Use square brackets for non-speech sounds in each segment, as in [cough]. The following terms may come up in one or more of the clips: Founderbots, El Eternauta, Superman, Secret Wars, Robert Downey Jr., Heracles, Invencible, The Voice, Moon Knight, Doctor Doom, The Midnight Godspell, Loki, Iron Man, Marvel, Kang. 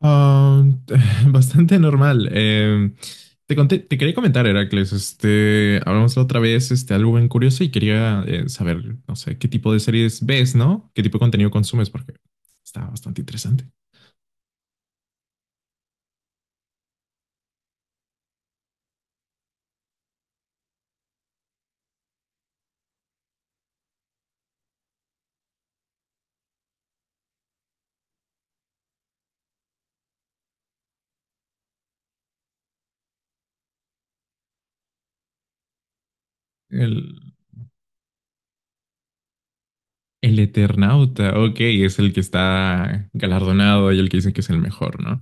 Ah, [laughs] bastante normal. Te conté- te quería comentar, Heracles, este, hablamos la otra vez, este, algo bien curioso y quería saber, no sé, qué tipo de series ves, ¿no? ¿Qué tipo de contenido consumes? Porque está bastante interesante. El, el Eternauta, ok, es el que está galardonado y el que dicen que es el mejor, ¿no?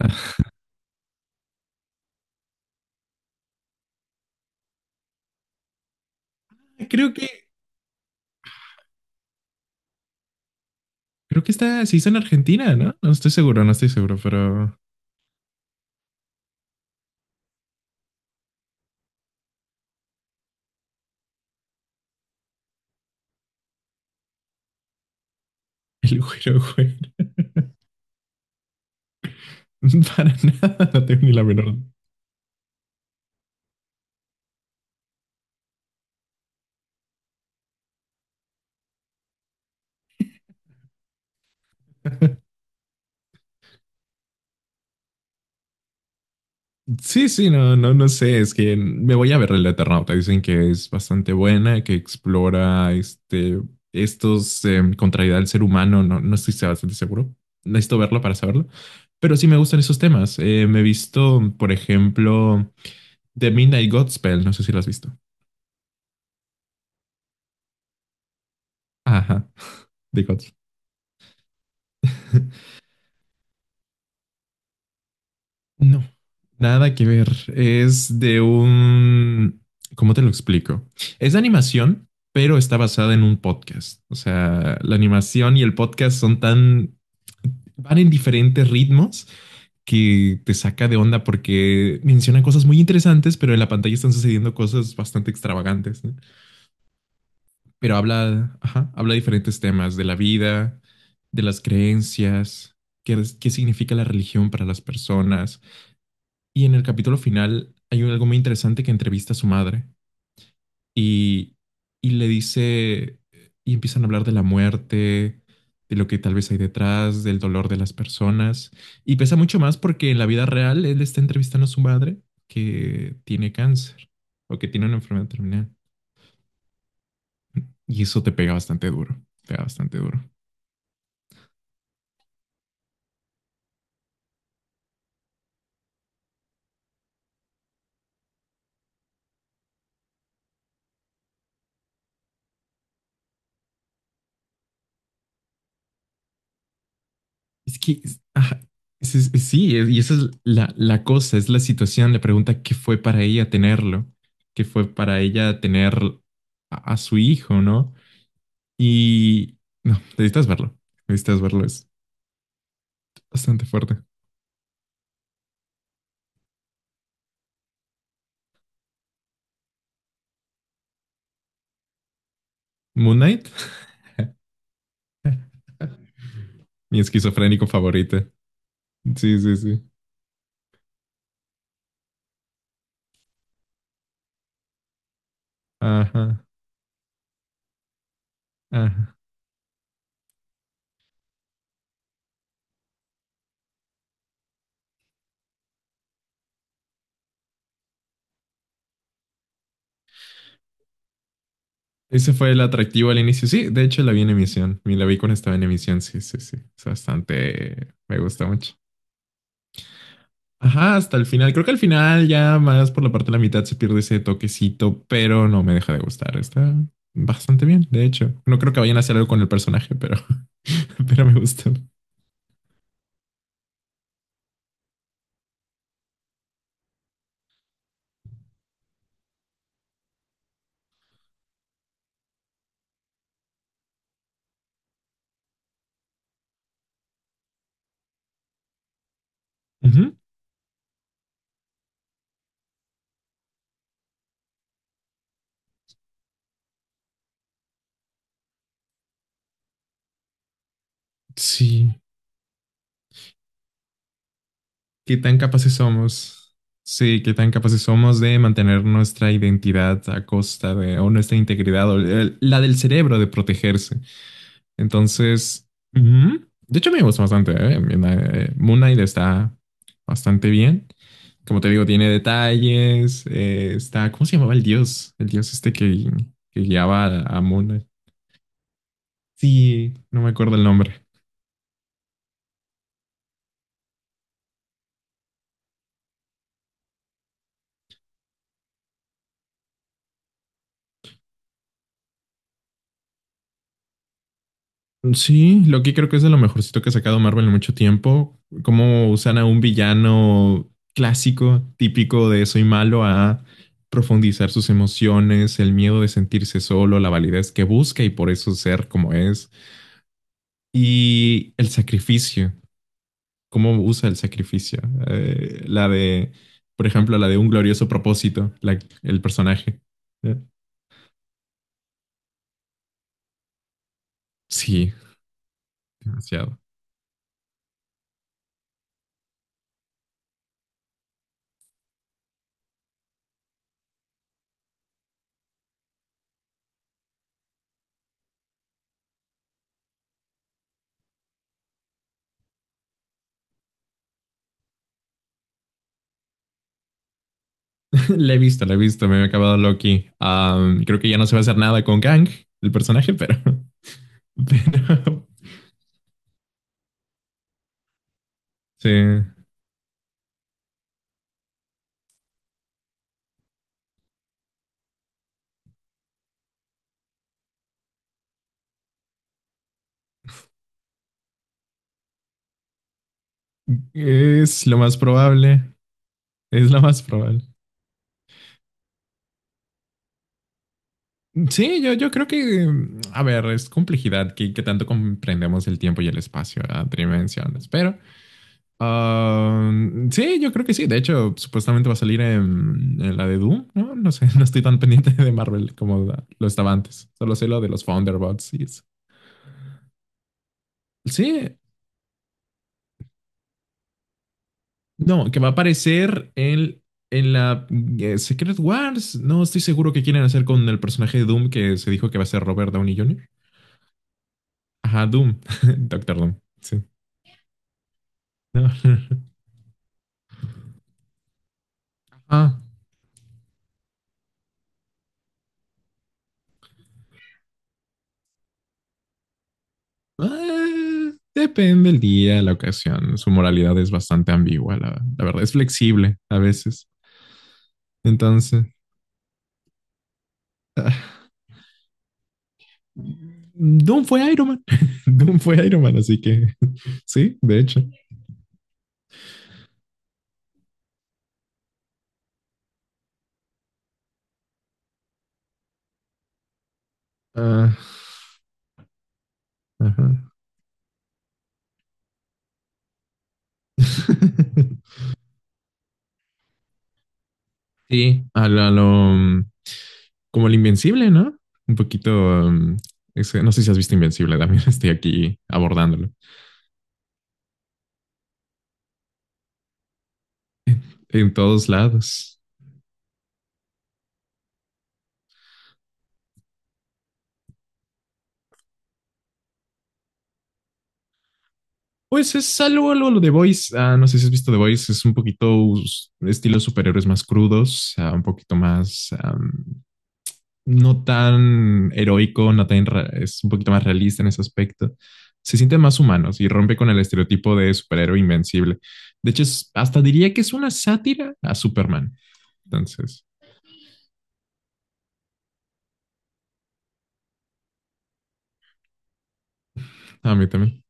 [laughs] Creo que, creo que está, se hizo en Argentina, ¿no? No estoy seguro, pero el güero, güero. [laughs] Para nada, no tengo ni la menor. Sí, sí, no, no, no sé, es que me voy a ver el Eternauta. Dicen que es bastante buena, que explora este, estos contrariedad del ser humano. No, no estoy bastante seguro. Necesito verlo para saberlo. Pero sí me gustan esos temas. Me he visto, por ejemplo, The Midnight Godspell. No sé si lo has visto. Ajá, The Godspell. [laughs] No, nada que ver. Es de un... ¿Cómo te lo explico? Es de animación, pero está basada en un podcast. O sea, la animación y el podcast son tan... van en diferentes ritmos que te saca de onda porque menciona cosas muy interesantes, pero en la pantalla están sucediendo cosas bastante extravagantes, ¿no? Pero habla, ajá, habla diferentes temas de la vida, de las creencias, qué significa la religión para las personas. Y en el capítulo final hay algo muy interesante que entrevista a su madre y, y le dice, y empiezan a hablar de la muerte, de lo que tal vez hay detrás, del dolor de las personas. Y pesa mucho más porque en la vida real él está entrevistando a su madre que tiene cáncer o que tiene una enfermedad terminal. Y eso te pega bastante duro, pega bastante duro. Es que, es- ajá, es- sí, es- y esa es la cosa, es la situación, la pregunta, ¿qué fue para ella tenerlo? ¿Qué fue para ella tener a su hijo, ¿no? Y, no, necesitas verlo, es bastante fuerte. Moon Knight, [laughs] mi esquizofrénico favorito. Sí, sí, sí. Ajá, ajá. Ese fue el atractivo al inicio. Sí, de hecho la vi en emisión. Me la vi cuando estaba en emisión. Sí, sí, sí. Es bastante. Me gusta mucho. Ajá, hasta el final. Creo que al final ya más por la parte de la mitad se pierde ese toquecito, pero no me deja de gustar. Está bastante bien, de hecho. No creo que vayan a hacer algo con el personaje, pero, [laughs] pero me gustó. Ujú. Sí, qué tan capaces somos. Sí, qué tan capaces somos de mantener nuestra identidad a costa de, o nuestra integridad, o la del cerebro de protegerse. Entonces, ujú. De hecho me gusta bastante. Moon Knight está bastante bien. Como te digo, tiene detalles. Está, ¿cómo se llamaba el dios? El dios este que guiaba a Mona. Sí, no me acuerdo el nombre. Sí, Loki creo que es de lo mejorcito que ha sacado Marvel en mucho tiempo. Cómo usan a un villano clásico, típico de soy malo, a profundizar sus emociones, el miedo de sentirse solo, la validez que busca y por eso ser como es. Y el sacrificio cómo usa el sacrificio. Eh, la de, por ejemplo, la de un glorioso propósito, el personaje. Eh, Sí, demasiado. [laughs] La he visto, me he acabado Loki. Creo que ya no se va a hacer nada con Kang, el personaje, pero, [laughs] pero sí, es lo más probable, es lo más probable. Sí, yo creo que, a ver, es complejidad que tanto comprendemos el tiempo y el espacio a tridimensiones, pero. Ah, sí, yo creo que sí. De hecho, supuestamente va a salir en la de Doom, ¿no? No sé, [laughs] no estoy tan pendiente de Marvel como lo estaba antes. Solo sé lo de los Founderbots y eso. Sí, no, que va a aparecer en la Secret Wars. No estoy seguro qué quieren hacer con el personaje de Doom que se dijo que va a ser Robert Downey Jr. Ajá, Doom. [laughs] Doctor Doom. Sí. No. [laughs] Ajá. Ah, depende el día, la ocasión. Su moralidad es bastante ambigua, la verdad. Es flexible a veces. Entonces, ah, Doom fue Iron Man. [laughs] Doom fue Iron Man, así que [laughs] sí, de hecho. Ah, ajá. [laughs] Sí, como el Invencible, ¿no? Un poquito. No sé si has visto Invencible, también [laughs] estoy aquí abordándolo. En todos lados. Pues es algo, algo lo de Voice. Ah, no sé si has visto The Voice, es un poquito estilo superhéroes más crudos, ah, un poquito más, no tan heroico, no tan, ra- es un poquito más realista en ese aspecto. Se sienten más humanos y rompe con el estereotipo de superhéroe invencible. De hecho, hasta diría que es una sátira a Superman. Entonces, a mí también.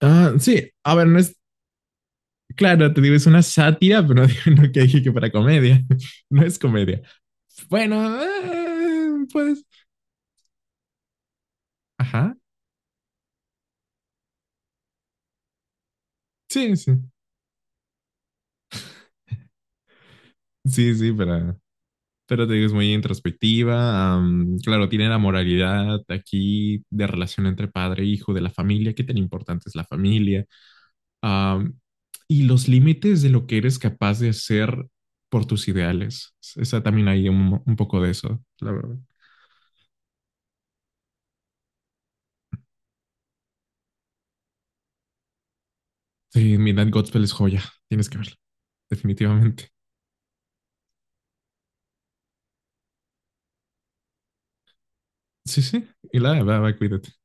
Ah, sí, a ver, no es. Claro, te digo, es una sátira, pero no, [laughs] no que dije que para comedia. [laughs] No es comedia. Bueno, pues, ajá, sí, sí, sí, sí, pero te digo, es muy introspectiva. Claro, tiene la moralidad aquí de relación entre padre e hijo, de la familia, qué tan importante es la familia, am, y los límites de lo que eres capaz de hacer por tus ideales. Esa también hay un poco de eso, la verdad. Sí, Midnight Gospel es joya, tienes que verla, definitivamente. Sí, sí. Y la, va, va, cuídate.